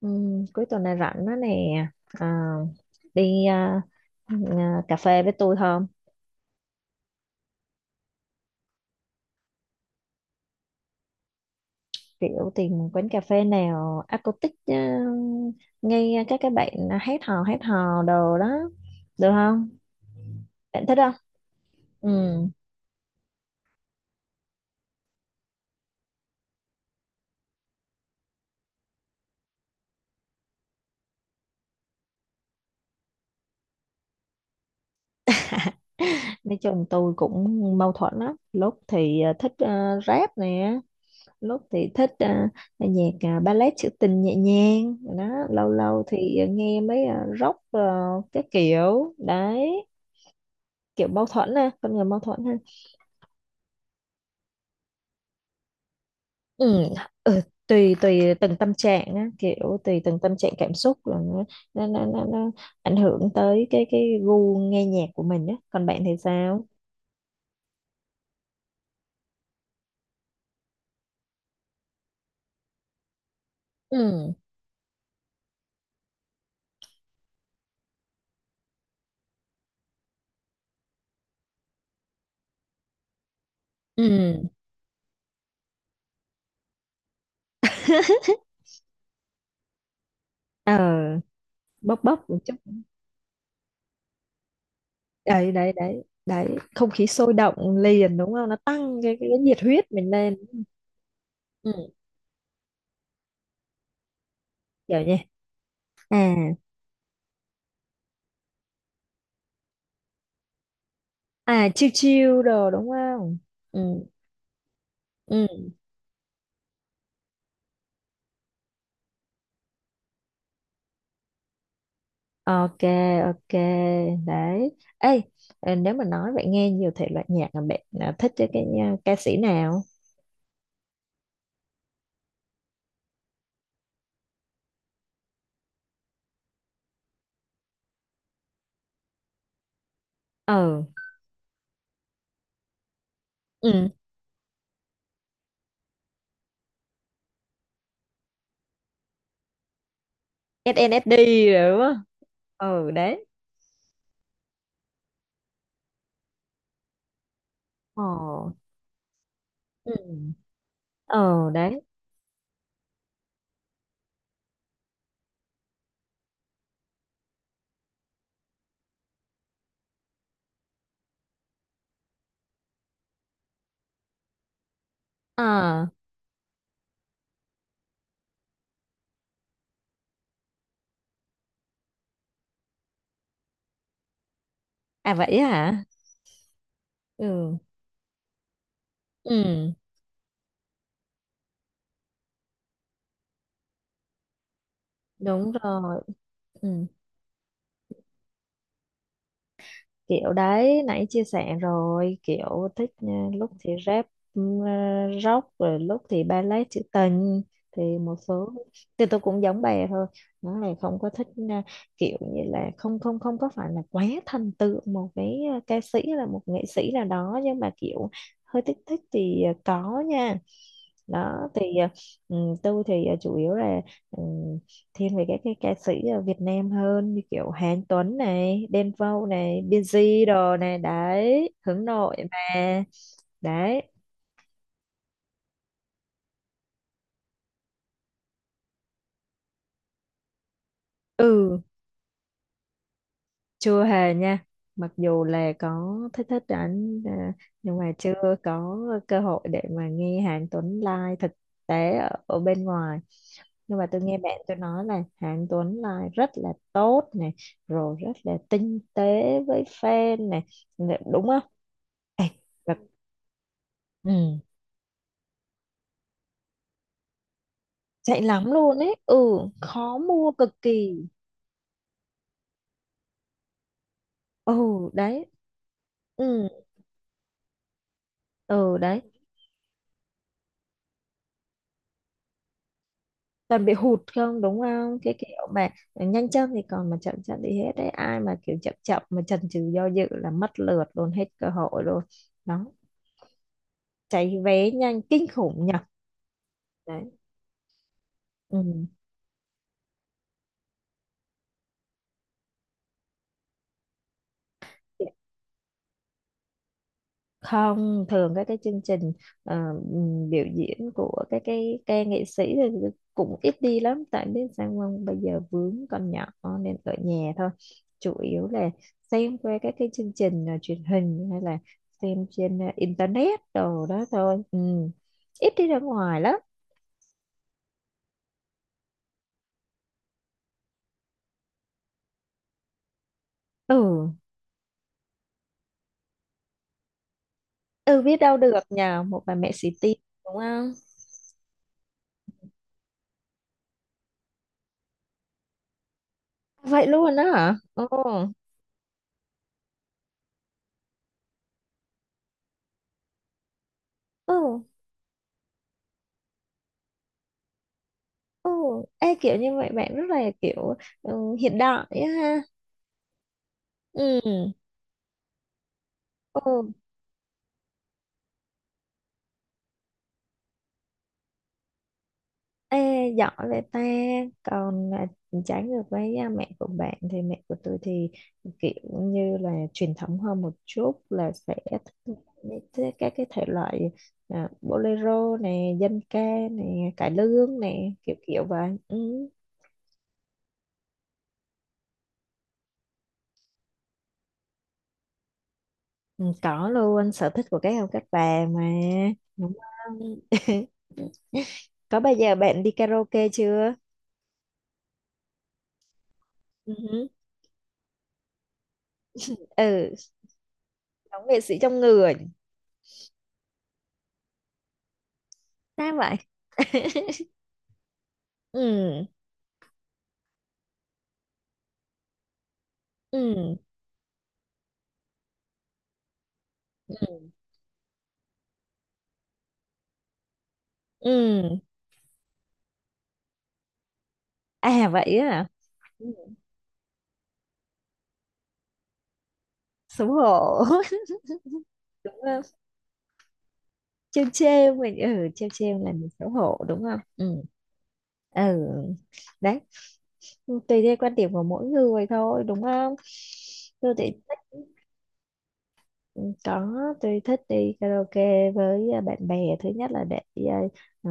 Ừ, cuối tuần này rảnh đó nè. à, Đi cà phê với tôi không? Kiểu tìm quán cà phê nào acoustic, ngay các cái bạn hát hò đồ đó, được không? Bạn thích không? Ừ. Nói chung tôi cũng mâu thuẫn lắm, lúc thì thích rap nè, lúc thì thích, nhạc, ballet trữ tình nhẹ nhàng đó, lâu lâu thì nghe mấy, rock, cái kiểu đấy. Kiểu mâu thuẫn ha, con người mâu thuẫn ha. Ừ, ừ, tùy tùy từng tâm trạng á, kiểu tùy từng tâm trạng cảm xúc là nó ảnh hưởng tới cái gu nghe nhạc của mình á. Còn bạn thì sao? Ừ, ừ, ờ bốc bốc một chút. Đấy, đấy, đấy, đấy, không khí sôi động liền đúng không, nó tăng cái nhiệt huyết mình lên. Ừ, kiểu như, à chill chill đồ đúng không? Ừ, ừ. Ok, ok, đấy. Ê, nếu mà nói vậy nghe nhiều thể loại nhạc, mà bạn thích chứ cái, ca sĩ nào? Ừ, ừ, SNSD rồi đúng không? Ừ, đấy. Ồ, ừ, ừ, đấy. À, à, vậy hả? Ừ, ừ, đúng rồi. Ừ. Kiểu đấy, nãy chia sẻ rồi, kiểu thích, ừ, lúc thì rap, ừ, rock, rồi lúc thì ballet trữ tình, thì một số, thì tôi cũng giống bà thôi. Nó là không có thích, ừ, kiểu như là không không không có phải là quá thần tượng một cái, ừ, ca sĩ hay là một nghệ sĩ nào đó, nhưng mà kiểu hơi thích thích thì ừ, có nha. Đó thì ừ, tôi thì, ừ, chủ yếu là, ừ, thiên về các cái ca sĩ ở Việt Nam hơn, như kiểu Hán Tuấn này, Đen Vâu này, Busy đồ này đấy, hướng nội mà. Đấy. Ừ, chưa hề nha. Mặc dù là có thích thích ảnh, nhưng mà chưa có cơ hội để mà nghe Hàn Tuấn live thực tế ở bên ngoài. Nhưng mà tôi nghe bạn tôi nói là Hàn Tuấn live rất là tốt này, rồi rất là tinh tế với fan này, đúng không? Ê, và- ừ. Chạy lắm luôn ấy, ừ, khó mua cực kỳ. Ừ, đấy. Ừ, ừ, đấy, toàn bị hụt không đúng không, cái kiểu mà nhanh chân thì còn, mà chậm chậm thì hết đấy. Ai mà kiểu chậm chậm mà chần chừ do dự là mất lượt luôn, hết cơ hội luôn. Đó, cháy vé nhanh kinh khủng nhỉ. Đấy. Ừ. Không thường các cái chương trình, ờ, biểu diễn của các cái ca nghệ sĩ thì cũng ít đi lắm, tại biết sao không, bây giờ vướng con nhỏ nên ở nhà thôi. Chủ yếu là xem qua các cái chương trình, truyền hình, hay là xem trên, internet đồ đó thôi. Ừ. Ít đi ra ngoài lắm. Ừ, ừ, biết đâu được nhờ một bà mẹ xì tin, đúng không. Vậy luôn đó hả? Ừ, ừ, ừ. Ê, kiểu như vậy bạn rất là kiểu, ừ, hiện đại á ha. Ừ, ừ, ê, giỏi vậy ta. Còn trái ngược với mẹ của bạn thì mẹ của tôi thì kiểu như là truyền thống hơn một chút, là sẽ thích các cái thể loại, bolero nè, dân ca nè, cải lương nè, kiểu kiểu vậy. Ừ. Ừ, có luôn, sở thích của các ông các bà mà, đúng không? Có bao giờ bạn đi karaoke chưa? Ừ hứ. Ừ, giống nghệ sĩ trong người. Sao vậy? Ừ, ừ, ừ, ừ. À vậy á hả? Ừ, xấu hổ. Đúng không, trêu trêu mình, ừ, trêu trêu là mình xấu hổ đúng không. Ừ, ừ, đấy, tùy theo quan điểm của mỗi người thôi, đúng không? Tôi thì thích. Ừ, có, tôi thích đi karaoke với, bạn bè. Thứ nhất là để, à, ừ,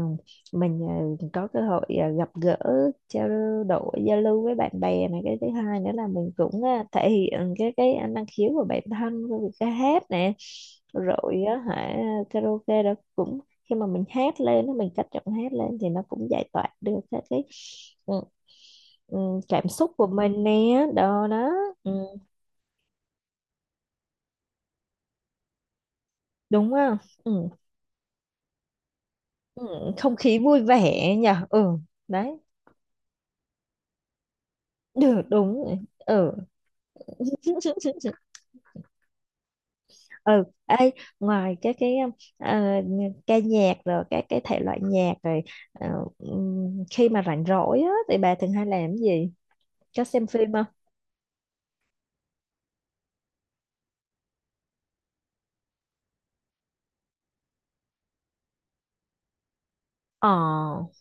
mình có cơ hội gặp gỡ, trao đổi, giao lưu với bạn bè này. Cái thứ hai nữa là mình cũng, thể hiện cái năng khiếu của bản thân với việc ca hát nè, rồi á hả. Karaoke đó cũng, khi mà mình hát lên á, mình cất giọng hát lên thì nó cũng giải tỏa được các cái, ừ, ừ, cảm xúc của mình nè. Đó đó. Ừ, đúng không. Ừ. Ừ, không khí vui vẻ nhỉ. Ừ, đấy, được, đúng rồi. Ừ. Ừ ấy, ngoài cái ờ, ca nhạc rồi các cái thể loại nhạc rồi, ờ, khi mà rảnh rỗi á thì bà thường hay làm cái gì, có xem phim không? ờ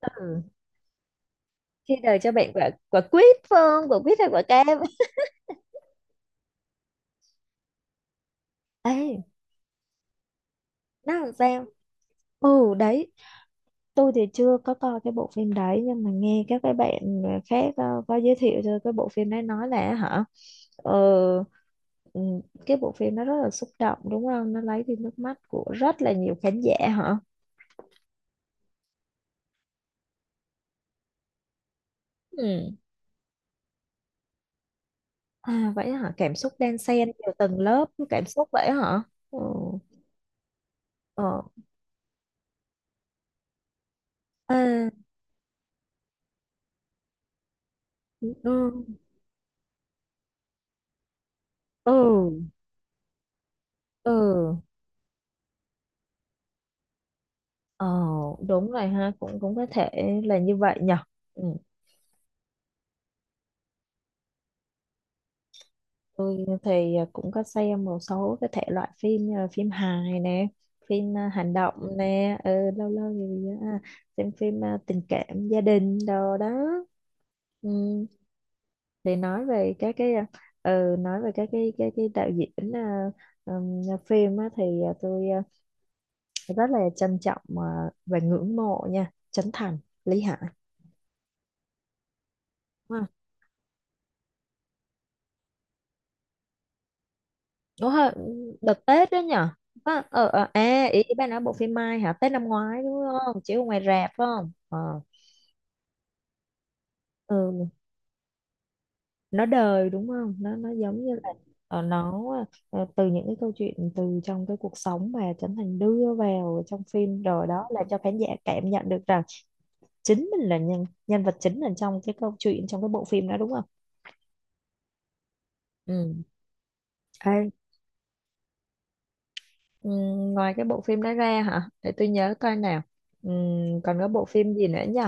ừ. Khi đời cho bạn quả quả quýt phương, quả quýt hay quả cam? Ấy nó làm sao? Ừ đấy. Tôi thì chưa có coi cái bộ phim đấy, nhưng mà nghe các cái bạn khác có giới thiệu cho cái bộ phim đấy, nói là hả, ờ, ừ, cái bộ phim nó rất là xúc động đúng không, nó lấy đi nước mắt của rất là nhiều khán giả hả. Ừ. À vậy hả, cảm xúc đan xen, nhiều tầng lớp cảm xúc vậy hả. Ừ. ờ à, ừ. Ừ, ừ, ờ đúng rồi ha, cũng cũng có thể là như vậy nhở. Ừ. Tôi thì, cũng có xem một số cái thể loại phim như là phim hài nè, phim hành động nè, ừ, lâu lâu thì xem phim tình cảm gia đình đồ đó. Ừ, thì nói về các cái đạo diễn, phim á, thì, tôi, rất là trân trọng, và ngưỡng mộ nha, Trấn Thành, Lý Hải. Đúng rồi, đợt Tết đó nhở. Ý bà nói bộ phim Mai hả, Tết năm ngoái đúng không, chiếu ở ngoài rạp phải không? Ờ, ừ, nó đời đúng không, nó giống như là, nó, từ những cái câu chuyện từ trong cái cuộc sống mà Trấn Thành đưa vào trong phim rồi, đó là cho khán giả cảm nhận được rằng chính mình là nhân nhân vật chính là trong cái câu chuyện, trong cái bộ phim đó đúng không. Ừ. Ê, ừ, ngoài cái bộ phim đó ra hả, để tôi nhớ coi nào, ừ, còn có bộ phim gì nữa nhỉ.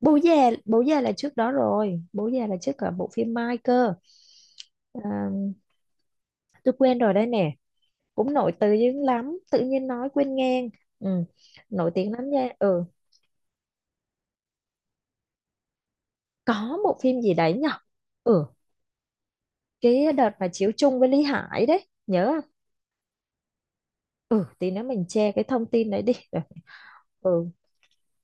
Bố Già, Bố Già là trước đó rồi, Bố Già là trước cả bộ phim Mai cơ. à, tôi quên rồi đây nè, cũng nổi tiếng lắm tự nhiên nói quên ngang. Ừ, nổi tiếng lắm nha. Ừ, có bộ phim gì đấy nhở. Ừ, cái đợt mà chiếu chung với Lý Hải đấy, nhớ không. Ừ, tí nữa mình che cái thông tin đấy đi. Rồi. Ừ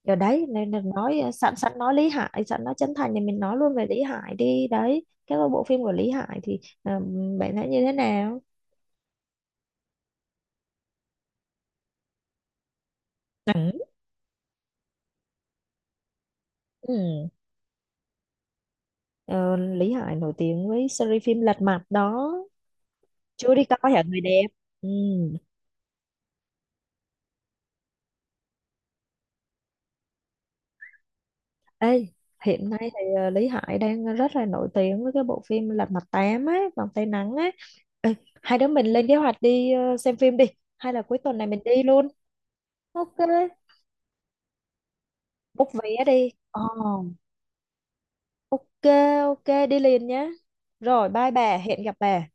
giờ đấy, nên là nói, sẵn sẵn nói Lý Hải, sẵn nói Trấn Thành thì mình nói luôn về Lý Hải đi, đấy cái bộ phim của Lý Hải thì, bạn thấy như thế nào. Ừ. Ừ. Ờ, Lý Hải nổi tiếng với series phim Lật Mặt đó, chưa đi coi hả người đẹp. Ừ. Ê, hiện nay thì, Lý Hải đang rất là nổi tiếng với cái bộ phim Lật Mặt 8 á, Vòng Tay Nắng á. Ê, hai đứa mình lên kế hoạch đi, xem phim đi, hay là cuối tuần này mình đi luôn. Ok, book vé đi. Ồ, ok, ok, đi liền nhé. Rồi, bye bà, hẹn gặp bà.